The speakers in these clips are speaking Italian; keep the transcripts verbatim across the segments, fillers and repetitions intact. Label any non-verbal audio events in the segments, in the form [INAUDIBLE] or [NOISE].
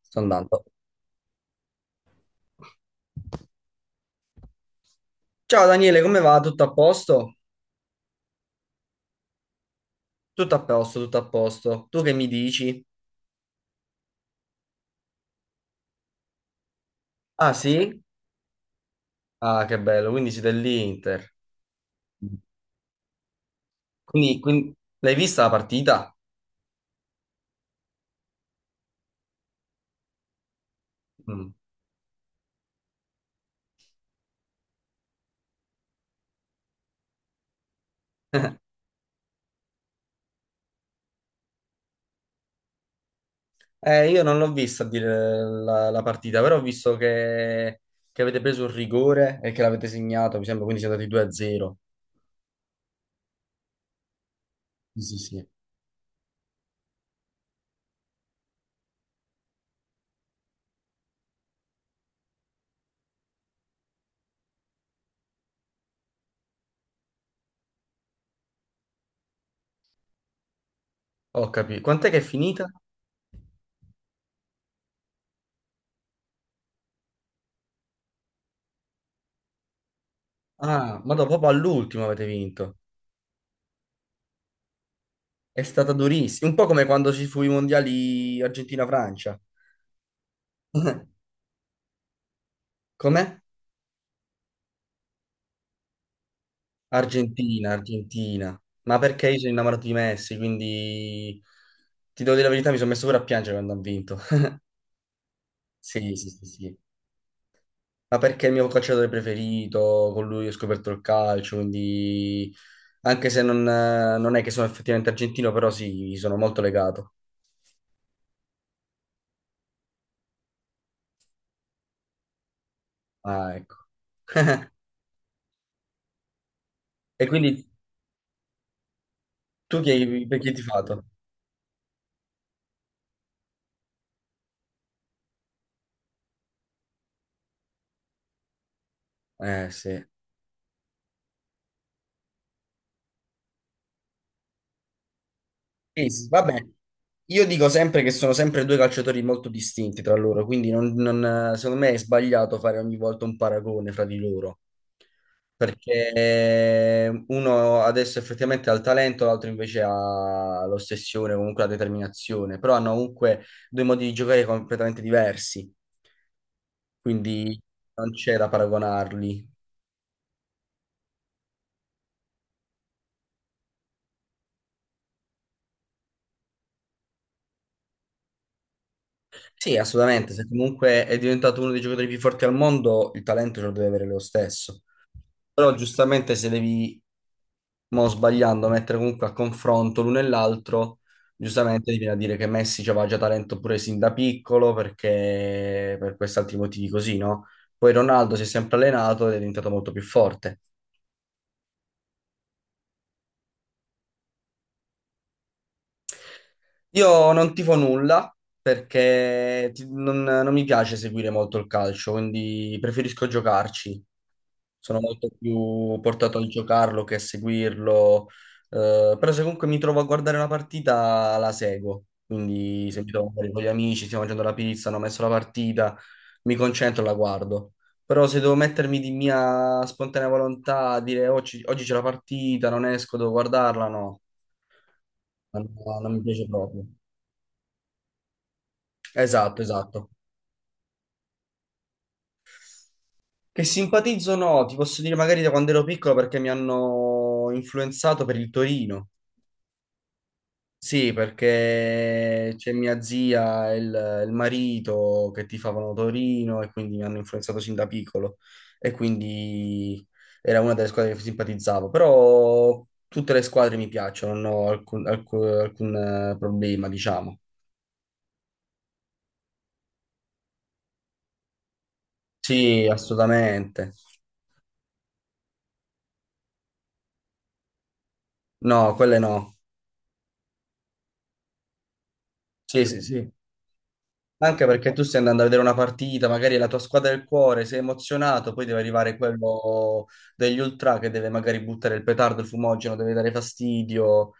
Sto andando. Ciao Daniele, come va? Tutto a posto? Tutto a posto, tutto a posto. Tu che mi dici? Ah sì? Ah, che bello, quindi siete dell'Inter. Quindi, quindi- L'hai vista la partita? Mm. Eh, io non l'ho vista a dire la, la partita, però ho visto che, che avete preso il rigore e che l'avete segnato, mi sembra, quindi siete andati due a zero. Sì, sì, sì. Ho capito. Quant'è che è finita? Ah, ma dopo proprio all'ultimo avete vinto. È stata durissima, un po' come quando ci fu i mondiali Argentina-Francia. [LAUGHS] Com'è? Argentina, Argentina. Ma perché io sono innamorato di Messi, quindi ti devo dire la verità, mi sono messo pure a piangere quando ha vinto. [LAUGHS] Sì, sì, sì, sì. Ma perché è il mio calciatore preferito, con lui ho scoperto il calcio, quindi anche se non, eh, non è che sono effettivamente argentino, però sì, gli sono molto legato. Ah, ecco. E quindi tu chi hai, per chi hai tifato? Eh, sì. Sì, sì, vabbè. Io dico sempre che sono sempre due calciatori molto distinti tra loro, quindi non- non- secondo me è sbagliato fare ogni volta un paragone fra di loro, perché uno adesso effettivamente ha il talento, l'altro invece ha l'ossessione, comunque la determinazione, però hanno comunque due modi di giocare completamente diversi, quindi non c'è da paragonarli. Sì, assolutamente, se comunque è diventato uno dei giocatori più forti al mondo, il talento ce lo deve avere lo stesso. Però giustamente se devi mo sbagliando a mettere comunque a confronto l'uno e l'altro, giustamente ti viene a dire che Messi aveva già talento pure sin da piccolo perché per questi altri motivi così, no? Poi Ronaldo si è sempre allenato ed è diventato molto più forte. Io non tifo nulla perché ti- non, non mi piace seguire molto il calcio, quindi preferisco giocarci. Sono molto più portato a giocarlo che a seguirlo, eh, però se comunque mi trovo a guardare una partita la seguo, quindi se mi trovo magari con gli amici, stiamo mangiando la pizza, hanno messo la partita, mi concentro e la guardo. Però se devo mettermi di mia spontanea volontà a dire "Oh, oggi, oggi c'è la partita, non esco, devo guardarla, no, non non mi piace proprio". Esatto, esatto. Che simpatizzo no, ti posso dire magari da quando ero piccolo perché mi hanno influenzato per il Torino. Sì, perché c'è mia zia e il, il marito che tifavano Torino e quindi mi hanno influenzato sin da piccolo e quindi era una delle squadre che simpatizzavo, però tutte le squadre mi piacciono, non ho alcun, alcun- alcun, eh, problema, diciamo. Sì, assolutamente. No, quelle no. Sì, sì, sì. Anche perché tu stai andando a vedere una partita, magari è la tua squadra del cuore, sei emozionato, poi deve arrivare quello degli ultra che deve magari buttare il petardo, il fumogeno, deve dare fastidio.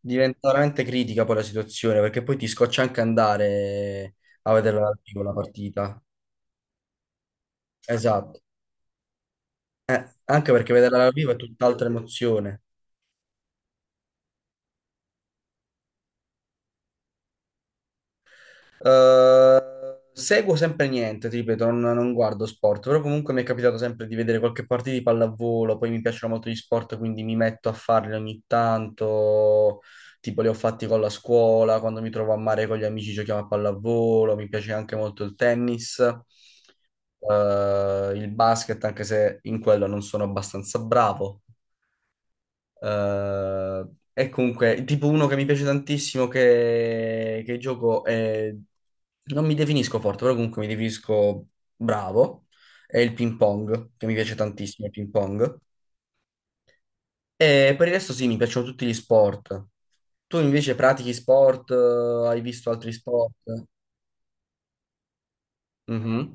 Diventa veramente critica poi la situazione, perché poi ti scoccia anche andare a vederla dal vivo la partita. Esatto. Anche perché vederla dal vivo è tutt'altra emozione. Eh, Seguo sempre niente, ti ripeto, non, non guardo sport, però comunque mi è capitato sempre di vedere qualche partita di pallavolo, poi mi piacciono molto gli sport, quindi mi metto a farli ogni tanto, tipo li ho fatti con la scuola, quando mi trovo a mare con gli amici giochiamo a pallavolo, mi piace anche molto il tennis, eh, il basket, anche se in quello non sono abbastanza bravo. Eh, e comunque, tipo uno che mi piace tantissimo che, che gioco è... Non mi definisco forte, però comunque mi definisco bravo. È il ping pong, che mi piace tantissimo il ping pong. E per il resto sì, mi piacciono tutti gli sport. Tu invece pratichi sport? eh, Hai visto altri sport? Mhm.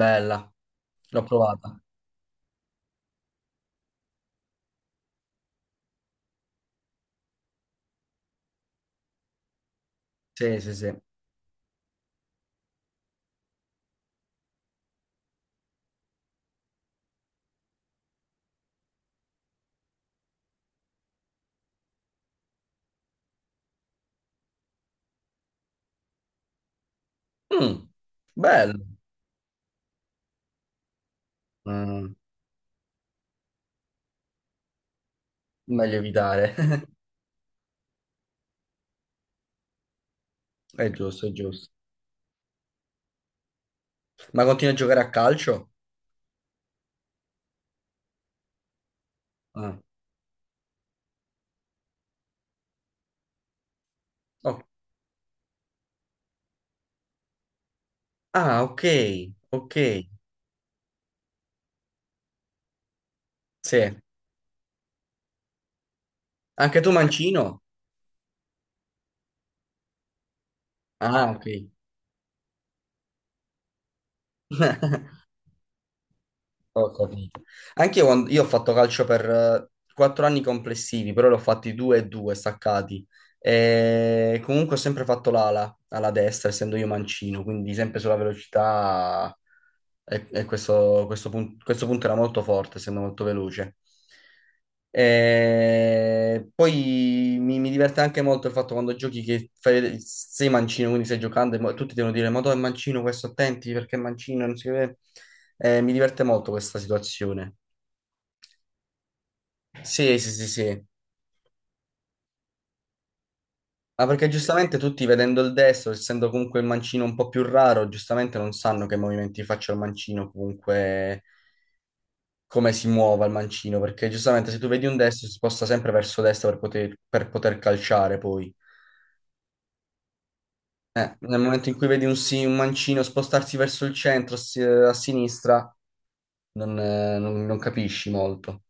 Bella, l'ho provata. Sì, sì, sì. Mm, bello. Mm, meglio evitare. [LAUGHS] È giusto, è giusto. Ma continui a giocare a calcio? Ah. Oh, ah, ok, ok, sì. Anche tu mancino? Ah, ok, ho capito. Anche io, quando- io ho fatto calcio per eh, quattro anni complessivi, però l'ho fatti due e due staccati. E comunque ho sempre fatto l'ala, alla destra, essendo io mancino, quindi sempre sulla velocità. E, e questo, questo pun- questo punto era molto forte, essendo molto veloce. E poi mi, mi diverte anche molto il fatto quando giochi che fai vedere- sei mancino, quindi stai giocando e mo- tutti devono dire: Ma tu è mancino, questo attenti perché è mancino, non si vede. Eh, mi diverte molto questa situazione. Sì, sì, sì, sì. Ma perché giustamente tutti vedendo il destro, essendo comunque il mancino un po' più raro, giustamente non sanno che movimenti faccia il mancino comunque come si muova il mancino, perché giustamente se tu vedi un destro si sposta sempre verso destra per poter, per poter, calciare poi. Eh, nel momento in cui vedi un, si- un mancino spostarsi verso il centro, si- a sinistra, non, eh, non- non capisci molto.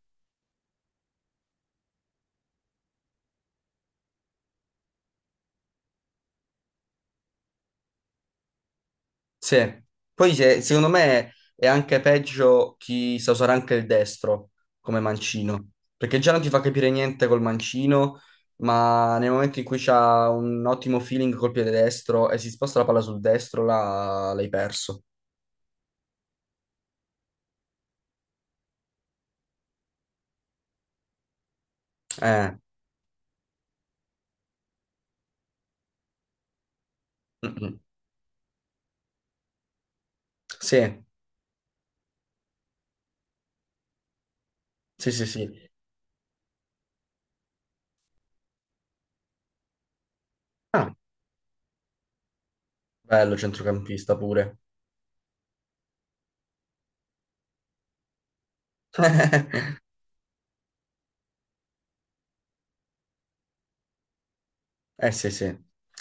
Sì. Poi se- secondo me è anche peggio chi sa usare anche il destro come mancino, perché già non ti fa capire niente col mancino, ma nel momento in cui c'ha un ottimo feeling col piede destro e si sposta la palla sul destro, là l'hai perso. Eh, mm, mm. Sì, sì, sì, sì. Ah, bello centrocampista pure. [LAUGHS] Eh, sì, sì.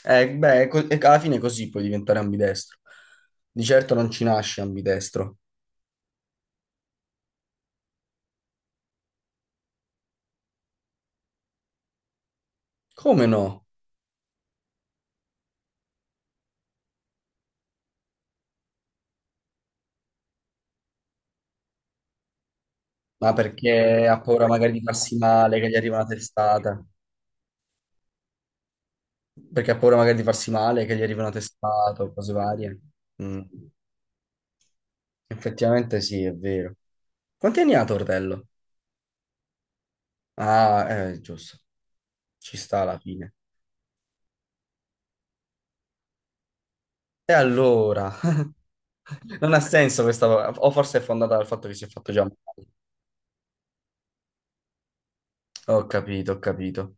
Eh, beh, co- e alla fine così puoi diventare ambidestro. Di certo non ci nasce ambidestro. Come no? Ma perché ha paura magari di farsi male, che gli arriva una testata. Perché ha paura magari di farsi male, che gli arriva una testata o cose varie. Mm. Effettivamente sì, è vero. Quanti anni ha Tortello? Ah, eh, giusto. Ci sta alla fine. E allora? Non ha senso questa cosa, o forse è fondata dal fatto che si è fatto già male. Ho capito, ho capito.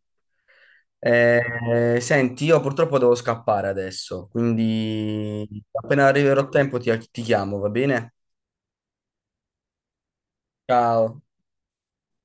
Eh, senti, io purtroppo devo scappare adesso, quindi appena arriverò a tempo ti ti chiamo, va bene? Ciao.